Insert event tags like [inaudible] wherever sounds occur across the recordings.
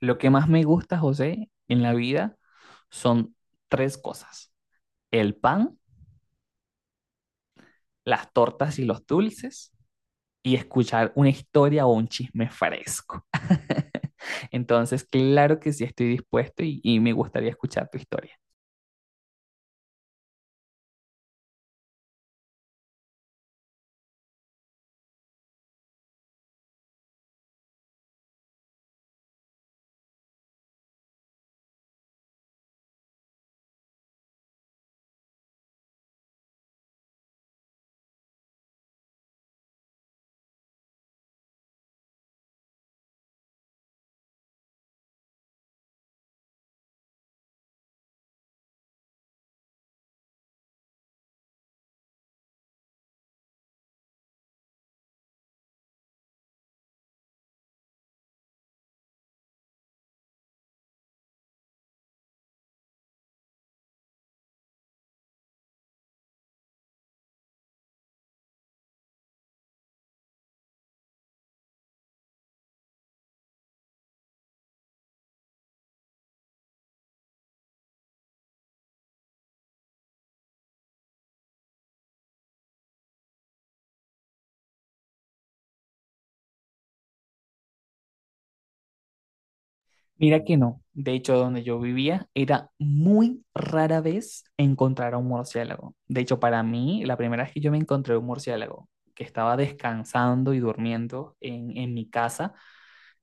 Lo que más me gusta, José, en la vida son tres cosas. El pan, las tortas y los dulces y escuchar una historia o un chisme fresco. [laughs] Entonces, claro que sí estoy dispuesto y me gustaría escuchar tu historia. Mira que no. De hecho, donde yo vivía era muy rara vez encontrar a un murciélago. De hecho, para mí, la primera vez que yo me encontré un murciélago que estaba descansando y durmiendo en mi casa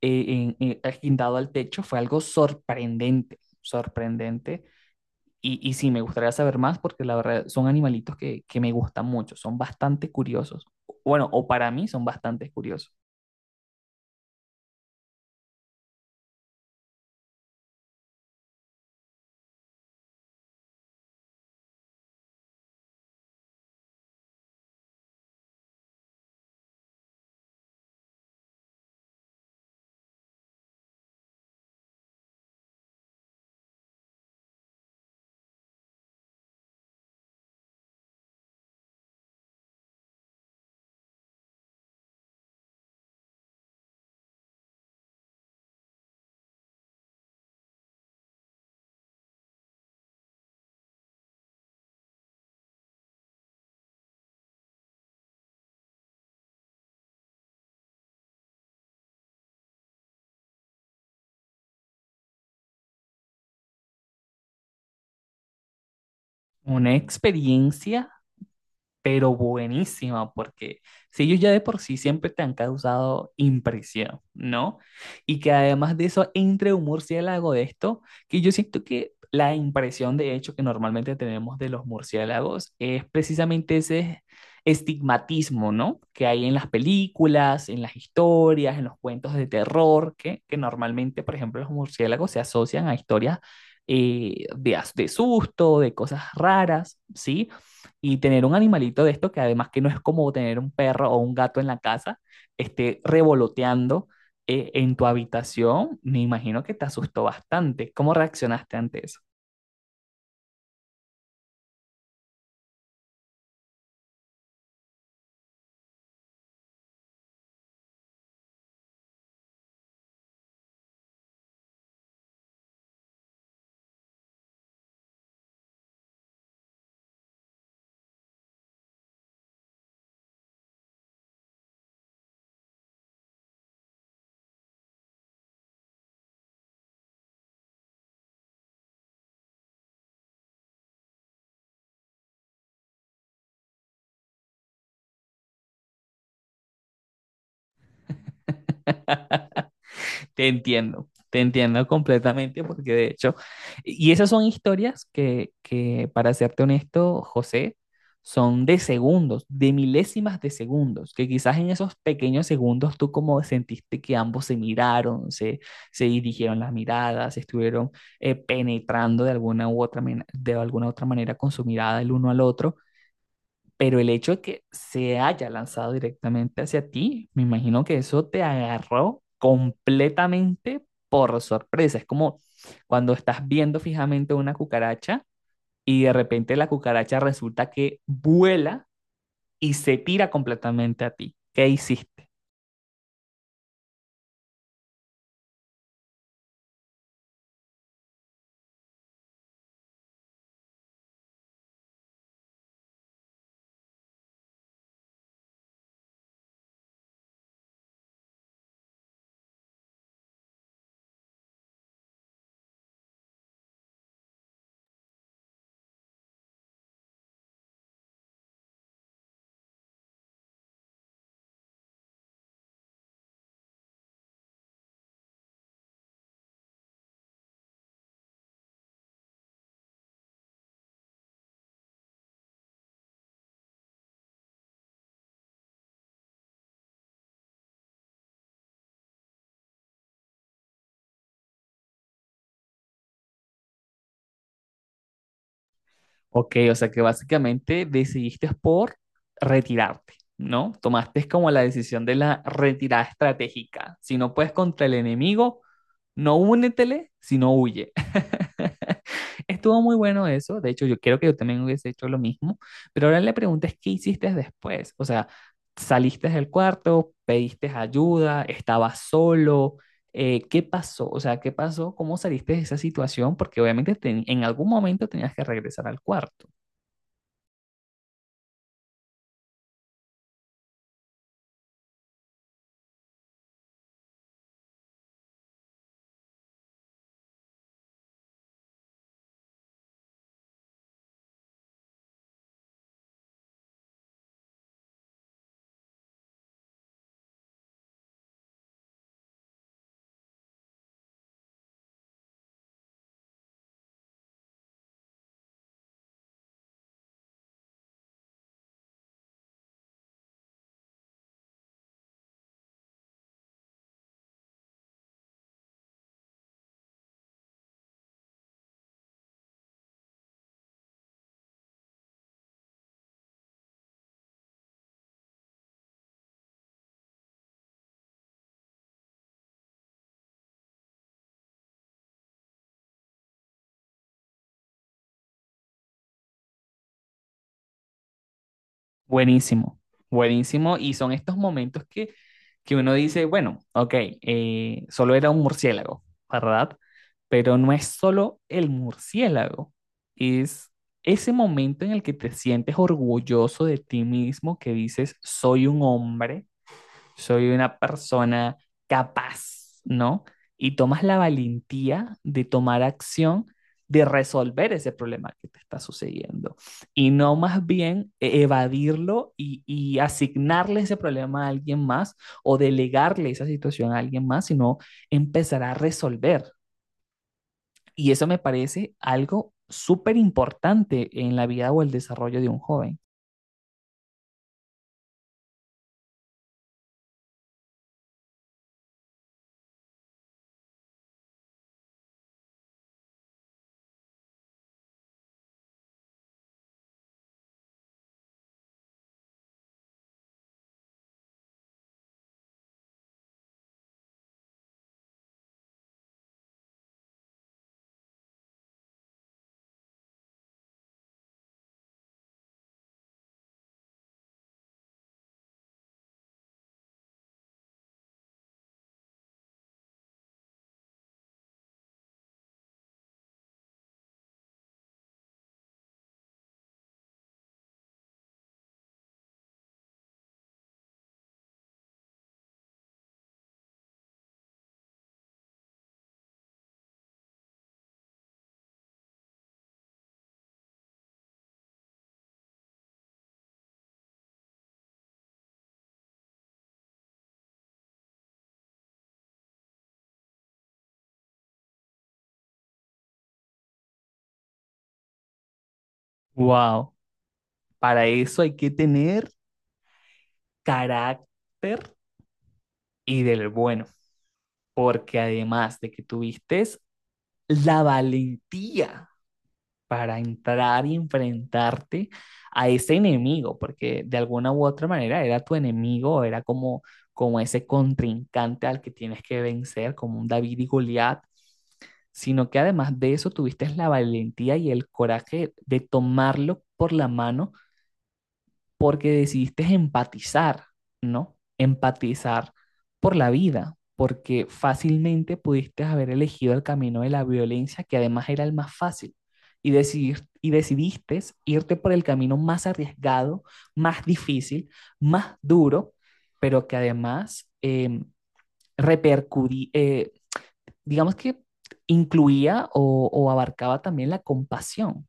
guindado al techo fue algo sorprendente. Y sí, me gustaría saber más porque la verdad son animalitos que me gustan mucho, son bastante curiosos. Bueno, o para mí son bastante curiosos. Una experiencia pero buenísima, porque si ellos ya de por sí siempre te han causado impresión, ¿no? Y que además de eso entre un murciélago de esto, que yo siento que la impresión de hecho que normalmente tenemos de los murciélagos es precisamente ese estigmatismo, ¿no? Que hay en las películas, en las historias, en los cuentos de terror, que normalmente, por ejemplo, los murciélagos se asocian a historias de susto, de cosas raras, ¿sí? Y tener un animalito de esto, que además que no es como tener un perro o un gato en la casa, esté revoloteando en tu habitación, me imagino que te asustó bastante. ¿Cómo reaccionaste ante eso? Te entiendo completamente porque de hecho, y esas son historias para serte honesto, José, son de segundos, de milésimas de segundos, que quizás en esos pequeños segundos tú como sentiste que ambos se miraron, se dirigieron las miradas, se estuvieron penetrando de alguna u otra, men- de alguna otra manera con su mirada el uno al otro, pero el hecho de que se haya lanzado directamente hacia ti, me imagino que eso te agarró completamente por sorpresa. Es como cuando estás viendo fijamente una cucaracha y de repente la cucaracha resulta que vuela y se tira completamente a ti. ¿Qué hiciste? Ok, o sea que básicamente decidiste por retirarte, ¿no? Tomaste como la decisión de la retirada estratégica. Si no puedes contra el enemigo, no únetele, sino huye. [laughs] Estuvo muy bueno eso. De hecho, yo creo que yo también hubiese hecho lo mismo. Pero ahora la pregunta es, ¿qué hiciste después? O sea, ¿saliste del cuarto? ¿Pediste ayuda? ¿Estabas solo? ¿Qué pasó? O sea, ¿qué pasó? ¿Cómo saliste de esa situación? Porque obviamente en algún momento tenías que regresar al cuarto. Buenísimo, buenísimo. Y son estos momentos que uno dice, bueno, ok, solo era un murciélago, ¿verdad? Pero no es solo el murciélago, es ese momento en el que te sientes orgulloso de ti mismo, que dices, soy un hombre, soy una persona capaz, ¿no? Y tomas la valentía de tomar acción, de resolver ese problema que te está sucediendo y no más bien evadirlo y asignarle ese problema a alguien más o delegarle esa situación a alguien más, sino empezar a resolver. Y eso me parece algo súper importante en la vida o el desarrollo de un joven. Wow, para eso hay que tener carácter y del bueno, porque además de que tuviste la valentía para entrar y enfrentarte a ese enemigo, porque de alguna u otra manera era tu enemigo, era como, como ese contrincante al que tienes que vencer, como un David y Goliat, sino que además de eso tuviste la valentía y el coraje de tomarlo por la mano porque decidiste empatizar, ¿no? Empatizar por la vida, porque fácilmente pudiste haber elegido el camino de la violencia, que además era el más fácil, y, decidir, y decidiste irte por el camino más arriesgado, más difícil, más duro, pero que además repercutía, digamos que incluía o abarcaba también la compasión,